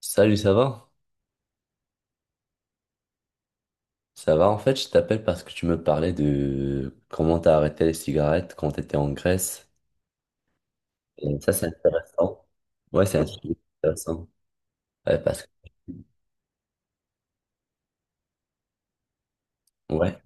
Salut, ça va? Ça va, en fait, je t'appelle parce que tu me parlais de comment t'as arrêté les cigarettes quand t'étais en Grèce. Et ça, c'est intéressant. Ouais, c'est un sujet intéressant. Ouais, parce Ouais.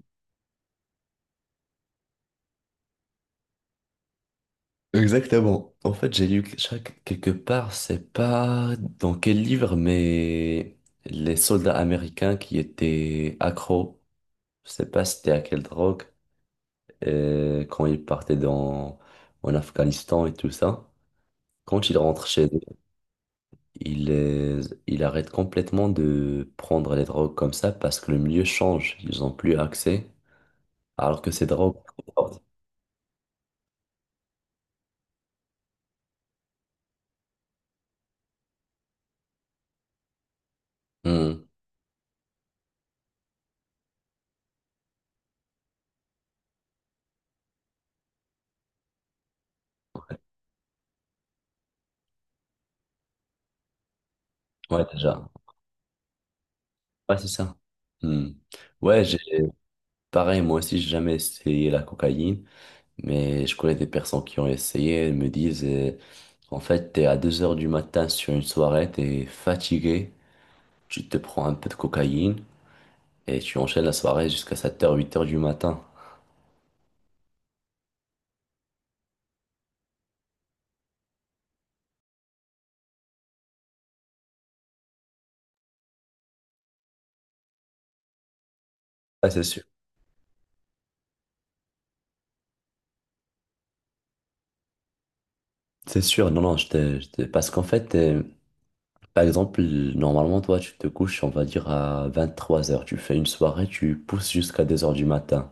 Exactement. En fait, j'ai lu que quelque part, c'est pas dans quel livre, mais les soldats américains qui étaient accros, je sais pas c'était à quelle drogue, quand ils partaient en Afghanistan et tout ça, quand ils rentrent chez eux, il, euh, il arrête complètement de prendre les drogues comme ça parce que le milieu change. Ils n'ont plus accès. Alors que ces drogues. Hmm. Ouais, déjà. Ouais, c'est ça. Hmm. Ouais, j'ai pareil, moi aussi, j'ai jamais essayé la cocaïne, mais je connais des personnes qui ont essayé, elles me disent, en fait, t'es à 2 heures du matin sur une soirée, t'es fatigué, tu te prends un peu de cocaïne et tu enchaînes la soirée jusqu'à 7 heures 8 heures du matin. Ah, c'est sûr. C'est sûr, non, non, parce qu'en fait, par exemple, normalement, toi, tu te couches, on va dire, à 23 heures. Tu fais une soirée, tu pousses jusqu'à 2 heures du matin.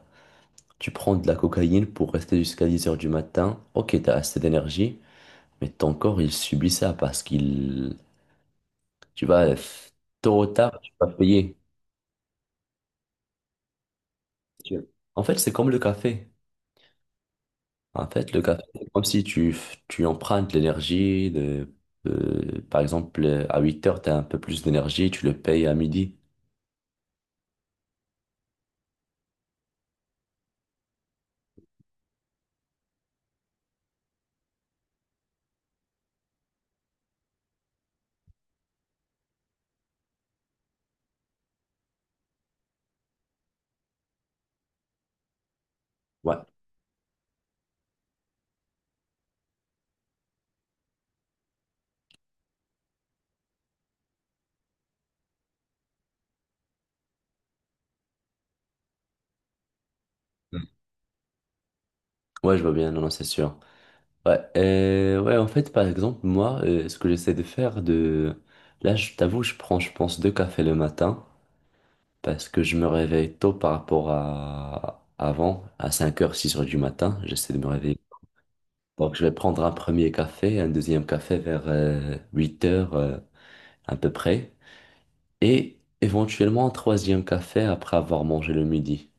Tu prends de la cocaïne pour rester jusqu'à 10 heures du matin. Ok, t'as assez d'énergie, mais ton corps, il subit ça parce qu'il... Tu vas, f- Tôt ou tard, tu vas payer. Tu- En fait, c'est comme le café. En fait, le café, c'est comme si tu empruntes l'énergie par exemple, à 8 heures, tu as un peu plus d'énergie, tu le payes à midi. Ouais. Mm. Ouais, je vois bien, non, non, c'est sûr. Ouais, en fait, par exemple, moi, ce que j'essaie de faire de... Là, je t'avoue, je prends, je pense, deux cafés le matin parce que je me réveille tôt par rapport à avant, à 5 heures 6 heures du matin. J'essaie de me réveiller. Donc, je vais prendre un premier café, un deuxième café vers 8 h à peu près et éventuellement un troisième café après avoir mangé le midi.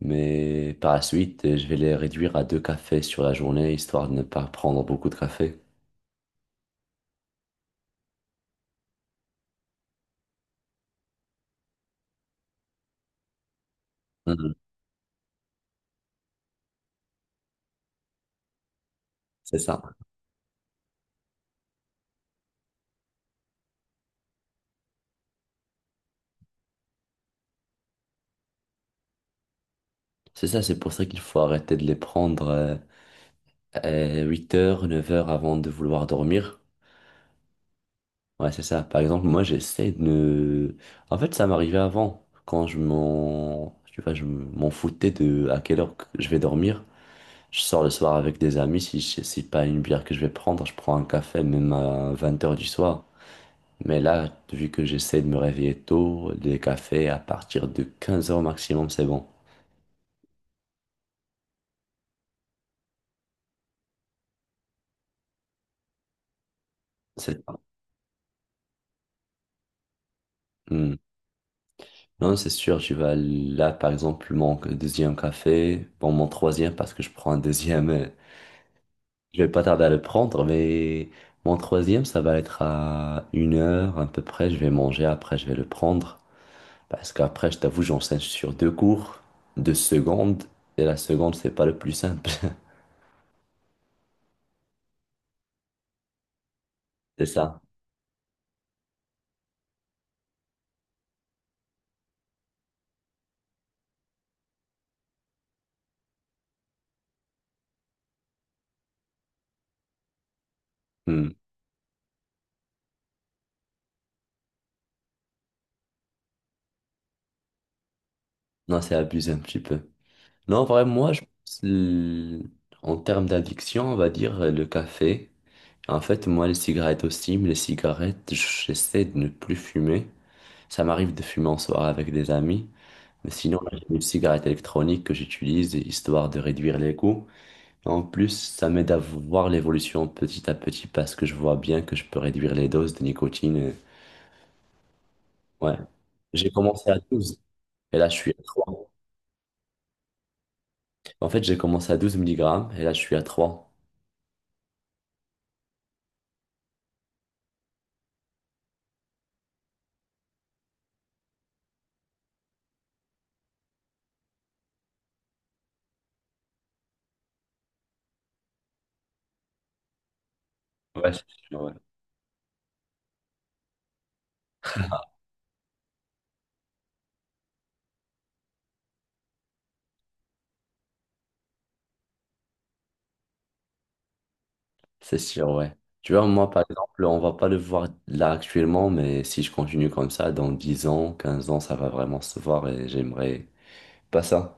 Mais par la suite, je vais les réduire à deux cafés sur la journée, histoire de ne pas prendre beaucoup de café. Mhm. C'est ça. C'est ça, c'est pour ça qu'il faut arrêter de les prendre 8 heures, 9 heures avant de vouloir dormir. Ouais, c'est ça. Par exemple, moi, j'essaie de ne... En fait, ça m'arrivait avant, quand Tu vois, je m'en foutais de à quelle heure que je vais dormir. Je sors le soir avec des amis, si je- c'est pas une bière que je vais prendre, je prends un café même à 20 heures du soir. Mais là, vu que j'essaie de me réveiller tôt, les cafés à partir de 15 heures maximum, c'est bon. C'est ça. Hmm. Non, c'est sûr, je vais là, par exemple, mon deuxième café, bon, mon troisième, parce que je prends un deuxième, je vais pas tarder à le prendre, mais mon troisième, ça va être à 1 heure à peu près, je vais manger, après je vais le prendre, parce qu'après, je t'avoue, j'enseigne sur deux cours, deux secondes, et la seconde, c'est pas le plus simple, c'est ça. Hmm. Non, c'est abusé un petit peu. Non, en vrai, moi, en termes d'addiction, on va dire le café. En fait, moi, les cigarettes aussi, mais les cigarettes, j'essaie de ne plus fumer. Ça m'arrive de fumer en soirée avec des amis. Mais sinon, j'ai une cigarette électronique que j'utilise histoire de réduire les coûts. Et en plus, ça m'aide à voir l'évolution petit à petit parce que je vois bien que je peux réduire les doses de nicotine. Ouais. J'ai commencé à 12 et là, je suis à trois. En fait, j'ai commencé à 12 milligrammes et là, je suis à trois. Ouais, c'est sûr, ouais. C'est sûr, ouais. Tu vois, moi, par exemple, on va pas le voir là actuellement, mais si je continue comme ça, dans 10 ans, 15 ans, ça va vraiment se voir et j'aimerais pas ça.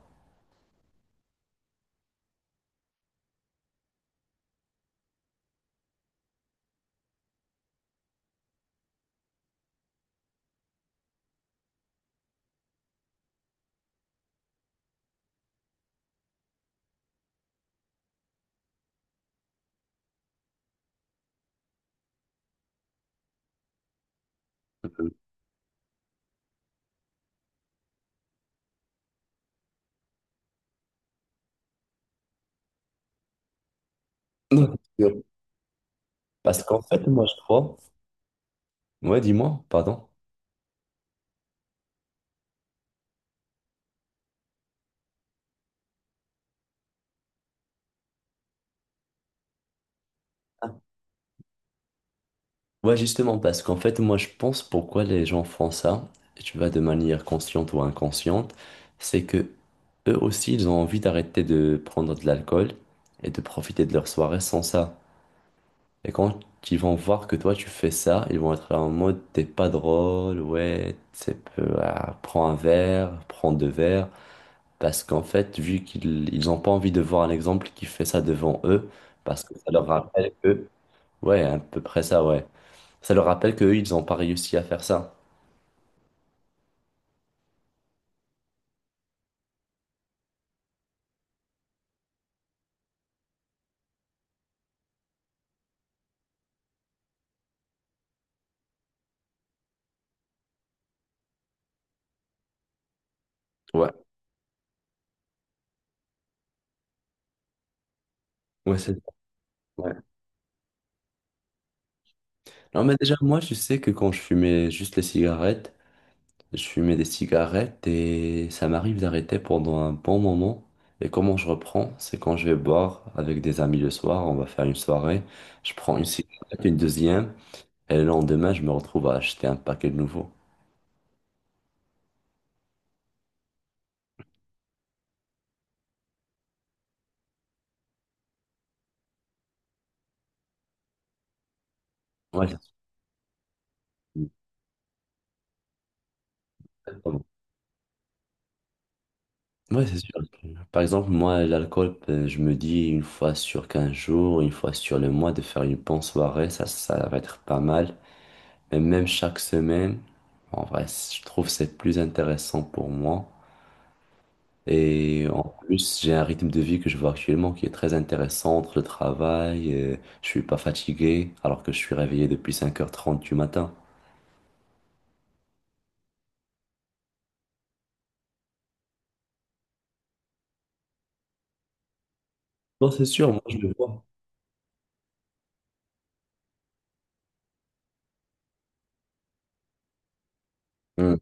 Non, parce qu'en fait, moi, Ouais, dis-moi, pardon. Ah. Ouais, justement, parce qu'en fait, moi, je pense pourquoi les gens font ça, et tu vois, de manière consciente ou inconsciente, c'est que eux aussi, ils ont envie d'arrêter de prendre de l'alcool et de profiter de leur soirée sans ça. Et quand ils vont voir que toi tu fais ça, ils vont être là en mode t'es pas drôle, ouais, c'est peu, ah, prends un verre, prends deux verres. Parce qu'en fait, vu qu'ils ils ont pas envie de voir un exemple qui fait ça devant eux, parce que ça leur rappelle que, ouais, à peu près ça, ouais. Ça leur rappelle qu'eux, ils ont pas réussi à faire ça. Ouais, ouais, c'est ouais. Non, mais déjà, moi, je sais que quand je fumais juste les cigarettes, je fumais des cigarettes et ça m'arrive d'arrêter pendant un bon moment. Et comment je reprends? C'est quand je vais boire avec des amis le soir, on va faire une soirée. Je prends une cigarette, une deuxième, et le lendemain, je me retrouve à acheter un paquet de nouveau. Ouais, c'est sûr. Pardon. Ouais, c'est sûr. Par exemple, moi, l'alcool, je me dis une fois sur 15 jours, une fois sur le mois, de faire une bonne soirée, ça va être pas mal. Mais même chaque semaine, en vrai, je trouve que c'est plus intéressant pour moi. Et en plus, j'ai un rythme de vie que je vois actuellement qui est très intéressant entre le travail, je suis pas fatigué alors que je suis réveillé depuis 5 h 30 du matin. Non, c'est sûr, moi je le vois. Hmm,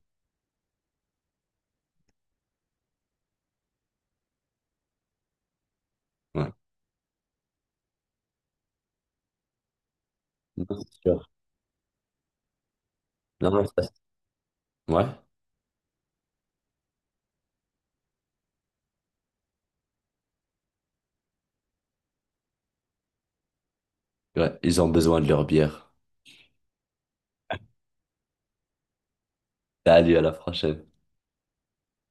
ouais. Non, c'est sûr. Non, non, ça- Ouais, ouais, ils ont besoin de leur bière. Salut, à la prochaine.